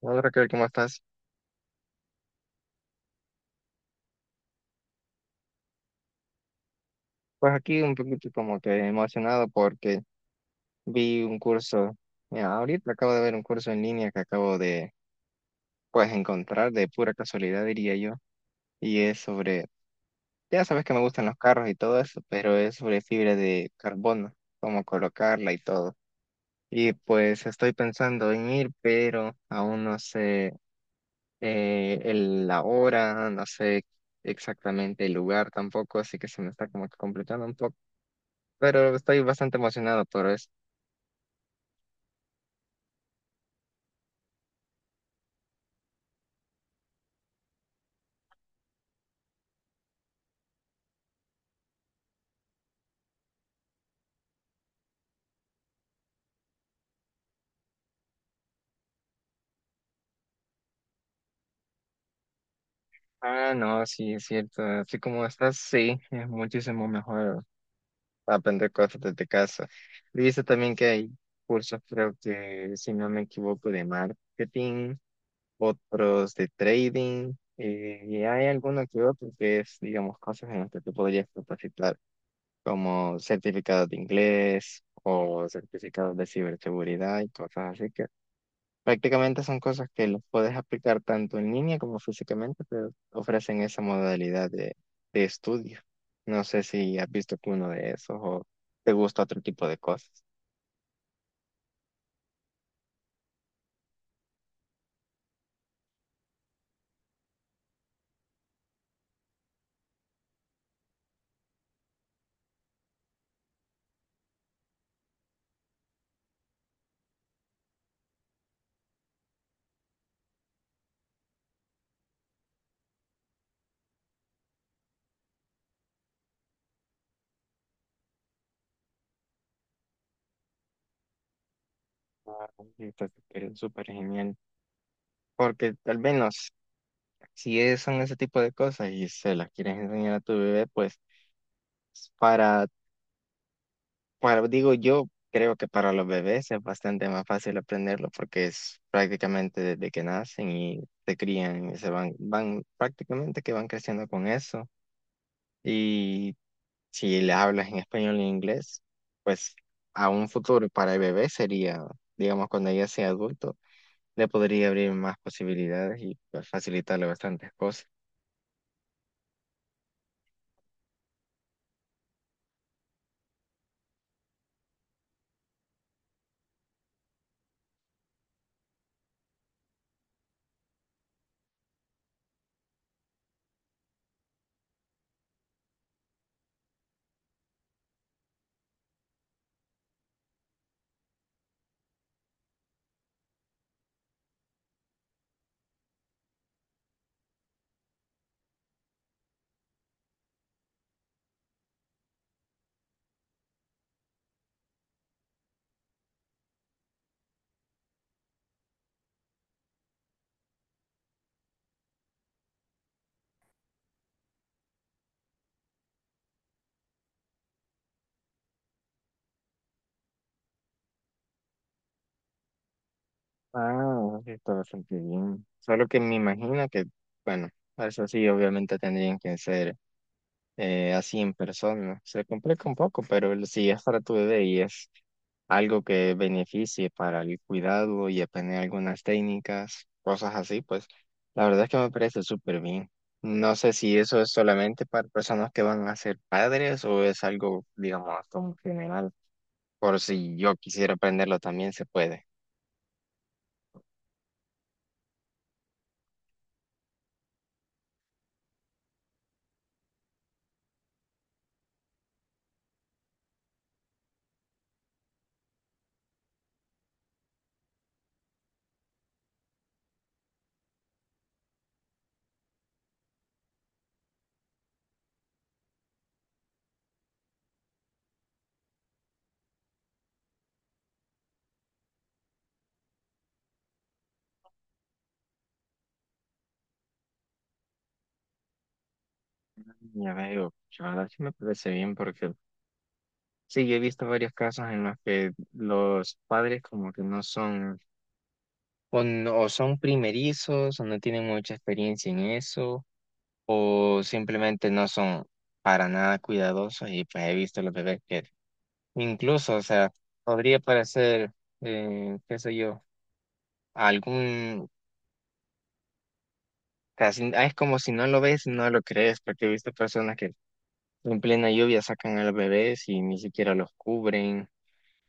Hola Raquel, ¿cómo estás? Pues aquí un poquito como que emocionado porque vi un curso, mira, ahorita acabo de ver un curso en línea que acabo de pues encontrar de pura casualidad diría yo, y es sobre, ya sabes que me gustan los carros y todo eso, pero es sobre fibra de carbono, cómo colocarla y todo. Y pues estoy pensando en ir, pero aún no sé la hora, no sé exactamente el lugar tampoco, así que se me está como que completando, pero estoy bastante emocionado por eso. Ah, no, sí, es cierto. Así como estás, sí, es muchísimo mejor aprender cosas desde casa. He visto también que hay cursos, creo que, si no me equivoco, de marketing, otros de trading, y hay alguno que otro que es, digamos, cosas en las que tú podrías capacitar, como certificados de inglés o certificados de ciberseguridad y cosas así. Prácticamente son cosas que los puedes aplicar tanto en línea como físicamente, pero ofrecen esa modalidad de estudio. No sé si has visto alguno de esos o te gusta otro tipo de cosas. Ah, sí, está súper súper genial. Porque al menos si es- son ese tipo de cosas y se las quieres enseñar a tu bebé, pues para, bueno, digo yo, creo que para los bebés es bastante más fácil aprenderlo porque es prácticamente desde que nacen y se crían y se van prácticamente que van creciendo con eso. Y si le hablas en español e inglés, pues a un futuro para el bebé sería, digamos, cuando ella sea adulto, le podría abrir más posibilidades y pues facilitarle bastantes cosas. Ah, sí, está bastante bien. Solo que me imagino que, bueno, eso sí, obviamente tendrían que ser, así en persona. Se complica un poco, pero si es para tu bebé y es algo que beneficie para el cuidado y aprender algunas técnicas, cosas así, pues la verdad es que me parece súper bien. No sé si eso es solamente para personas que van a ser padres o es algo, digamos, como general. Por si yo quisiera aprenderlo también se puede. Ya veo, la verdad sí me parece bien porque sí, yo he visto varios casos en los que los padres como que no son o son primerizos, o no tienen mucha experiencia en eso, o simplemente no son para nada cuidadosos y pues he visto los bebés que incluso, o sea, podría parecer, qué sé yo, algún, casi, ah, es como si no lo ves, no lo crees, porque he visto personas que en plena lluvia sacan a los bebés y ni siquiera los cubren,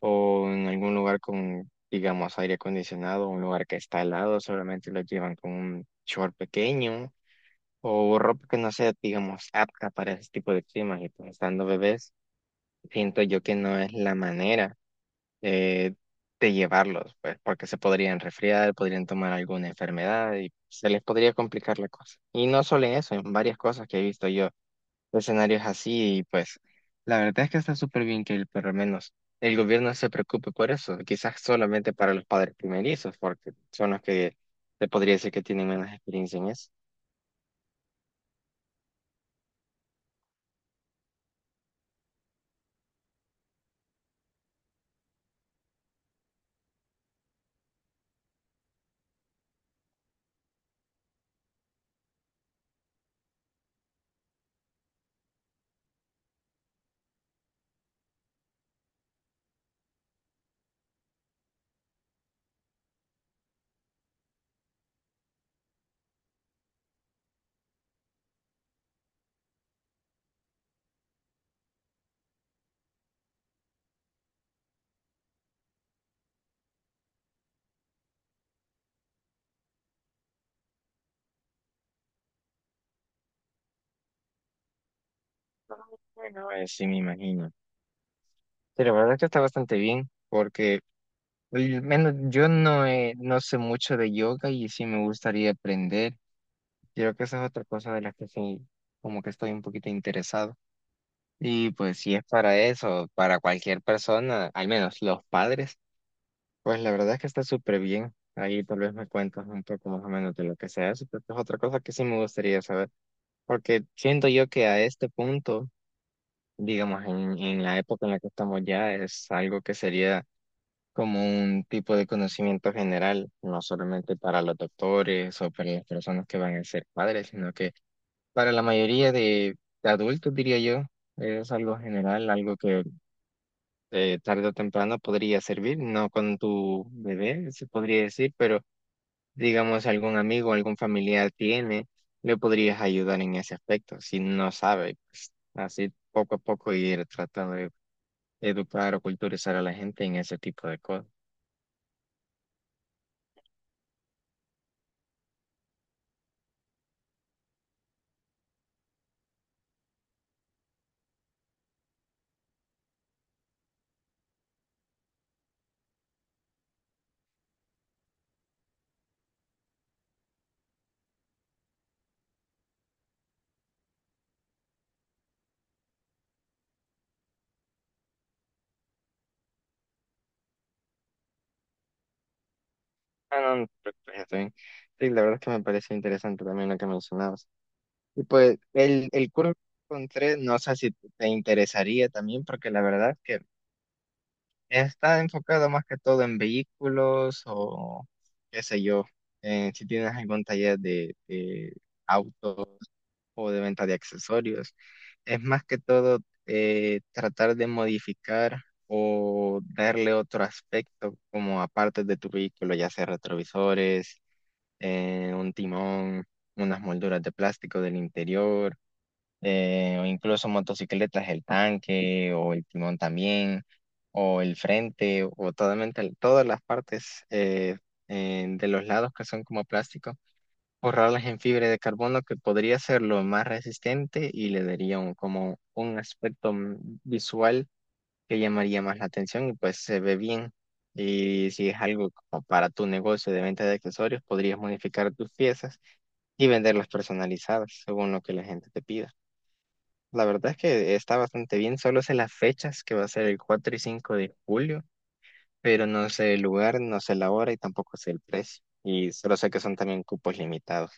o en algún lugar con, digamos, aire acondicionado, un lugar que está helado, solamente los llevan con un short pequeño o ropa que no sea, digamos, apta para ese tipo de climas y pues estando bebés, siento yo que no es la manera de, de llevarlos, pues, porque se podrían resfriar, podrían tomar alguna enfermedad y se les podría complicar la cosa. Y no solo en eso, en varias cosas que he visto yo, escenarios así y pues la verdad es que está súper bien que por lo menos el gobierno se preocupe por eso, quizás solamente para los padres primerizos, porque son los que se podría decir que tienen menos experiencia en eso. Bueno, sí me imagino. Sí, la verdad que está bastante bien, porque al menos yo no, no sé mucho de yoga y sí me gustaría aprender. Creo que esa es otra cosa de la que sí, como que estoy un poquito interesado. Y pues si es para eso, para cualquier persona, al menos los padres, pues la verdad es que está súper bien. Ahí tal vez me cuentas un poco más o menos de lo que se hace, porque es otra cosa que sí me gustaría saber, porque siento yo que a este punto, digamos, en la época en la que estamos ya, es algo que sería como un tipo de conocimiento general, no solamente para los doctores o para las personas que van a ser padres, sino que para la mayoría de adultos, diría yo, es algo general, algo que tarde o temprano podría servir, no con tu bebé, se podría decir, pero digamos algún amigo, algún familiar tiene, le podrías ayudar en ese aspecto, si no sabe, pues, así poco a poco ir tratando de educar o culturizar a la gente en ese tipo de cosas. Ah, no, no, pues, está bien. Sí, la verdad es que me parece interesante también lo que mencionabas. Y pues el curso que encontré, no sé si te interesaría también, porque la verdad es que está enfocado más que todo en vehículos o qué sé yo, si tienes algún taller de auto o de venta de accesorios. Es más que todo, tratar de modificar o darle otro aspecto como aparte de tu vehículo, ya sea retrovisores, un timón, unas molduras de plástico del interior, o incluso motocicletas, el tanque o el timón también, o el frente, o totalmente, todas las partes de los lados que son como plástico, borrarlas en fibra de carbono que podría ser lo más resistente y le daría un, como un aspecto visual que llamaría más la atención y pues se ve bien. Y si es algo como para tu negocio de venta de accesorios, podrías modificar tus piezas y venderlas personalizadas según lo que la gente te pida. La verdad es que está bastante bien, solo sé las fechas que va a ser el 4 y 5 de julio, pero no sé el lugar, no sé la hora y tampoco sé el precio. Y solo sé que son también cupos limitados.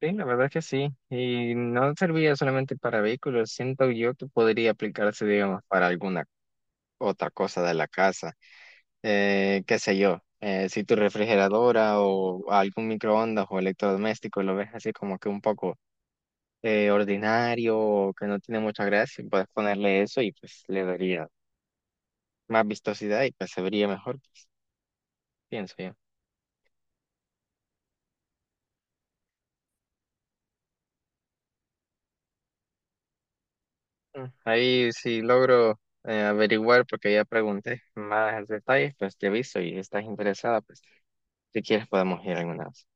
Sí, la verdad es que sí. Y no serviría solamente para vehículos, siento yo que podría aplicarse, digamos, para alguna otra cosa de la casa. Qué sé yo, si tu refrigeradora o algún microondas o electrodoméstico lo ves así como que un poco ordinario o que no tiene mucha gracia, puedes ponerle eso y pues le daría más vistosidad y pues se vería mejor, pienso yo. Mm, ahí si logro averiguar, porque ya pregunté más detalles, pues te aviso y estás interesada, pues si quieres podemos ir alguna vez.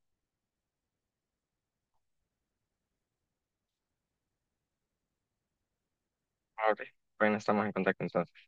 Ok, bueno, estamos en contacto entonces.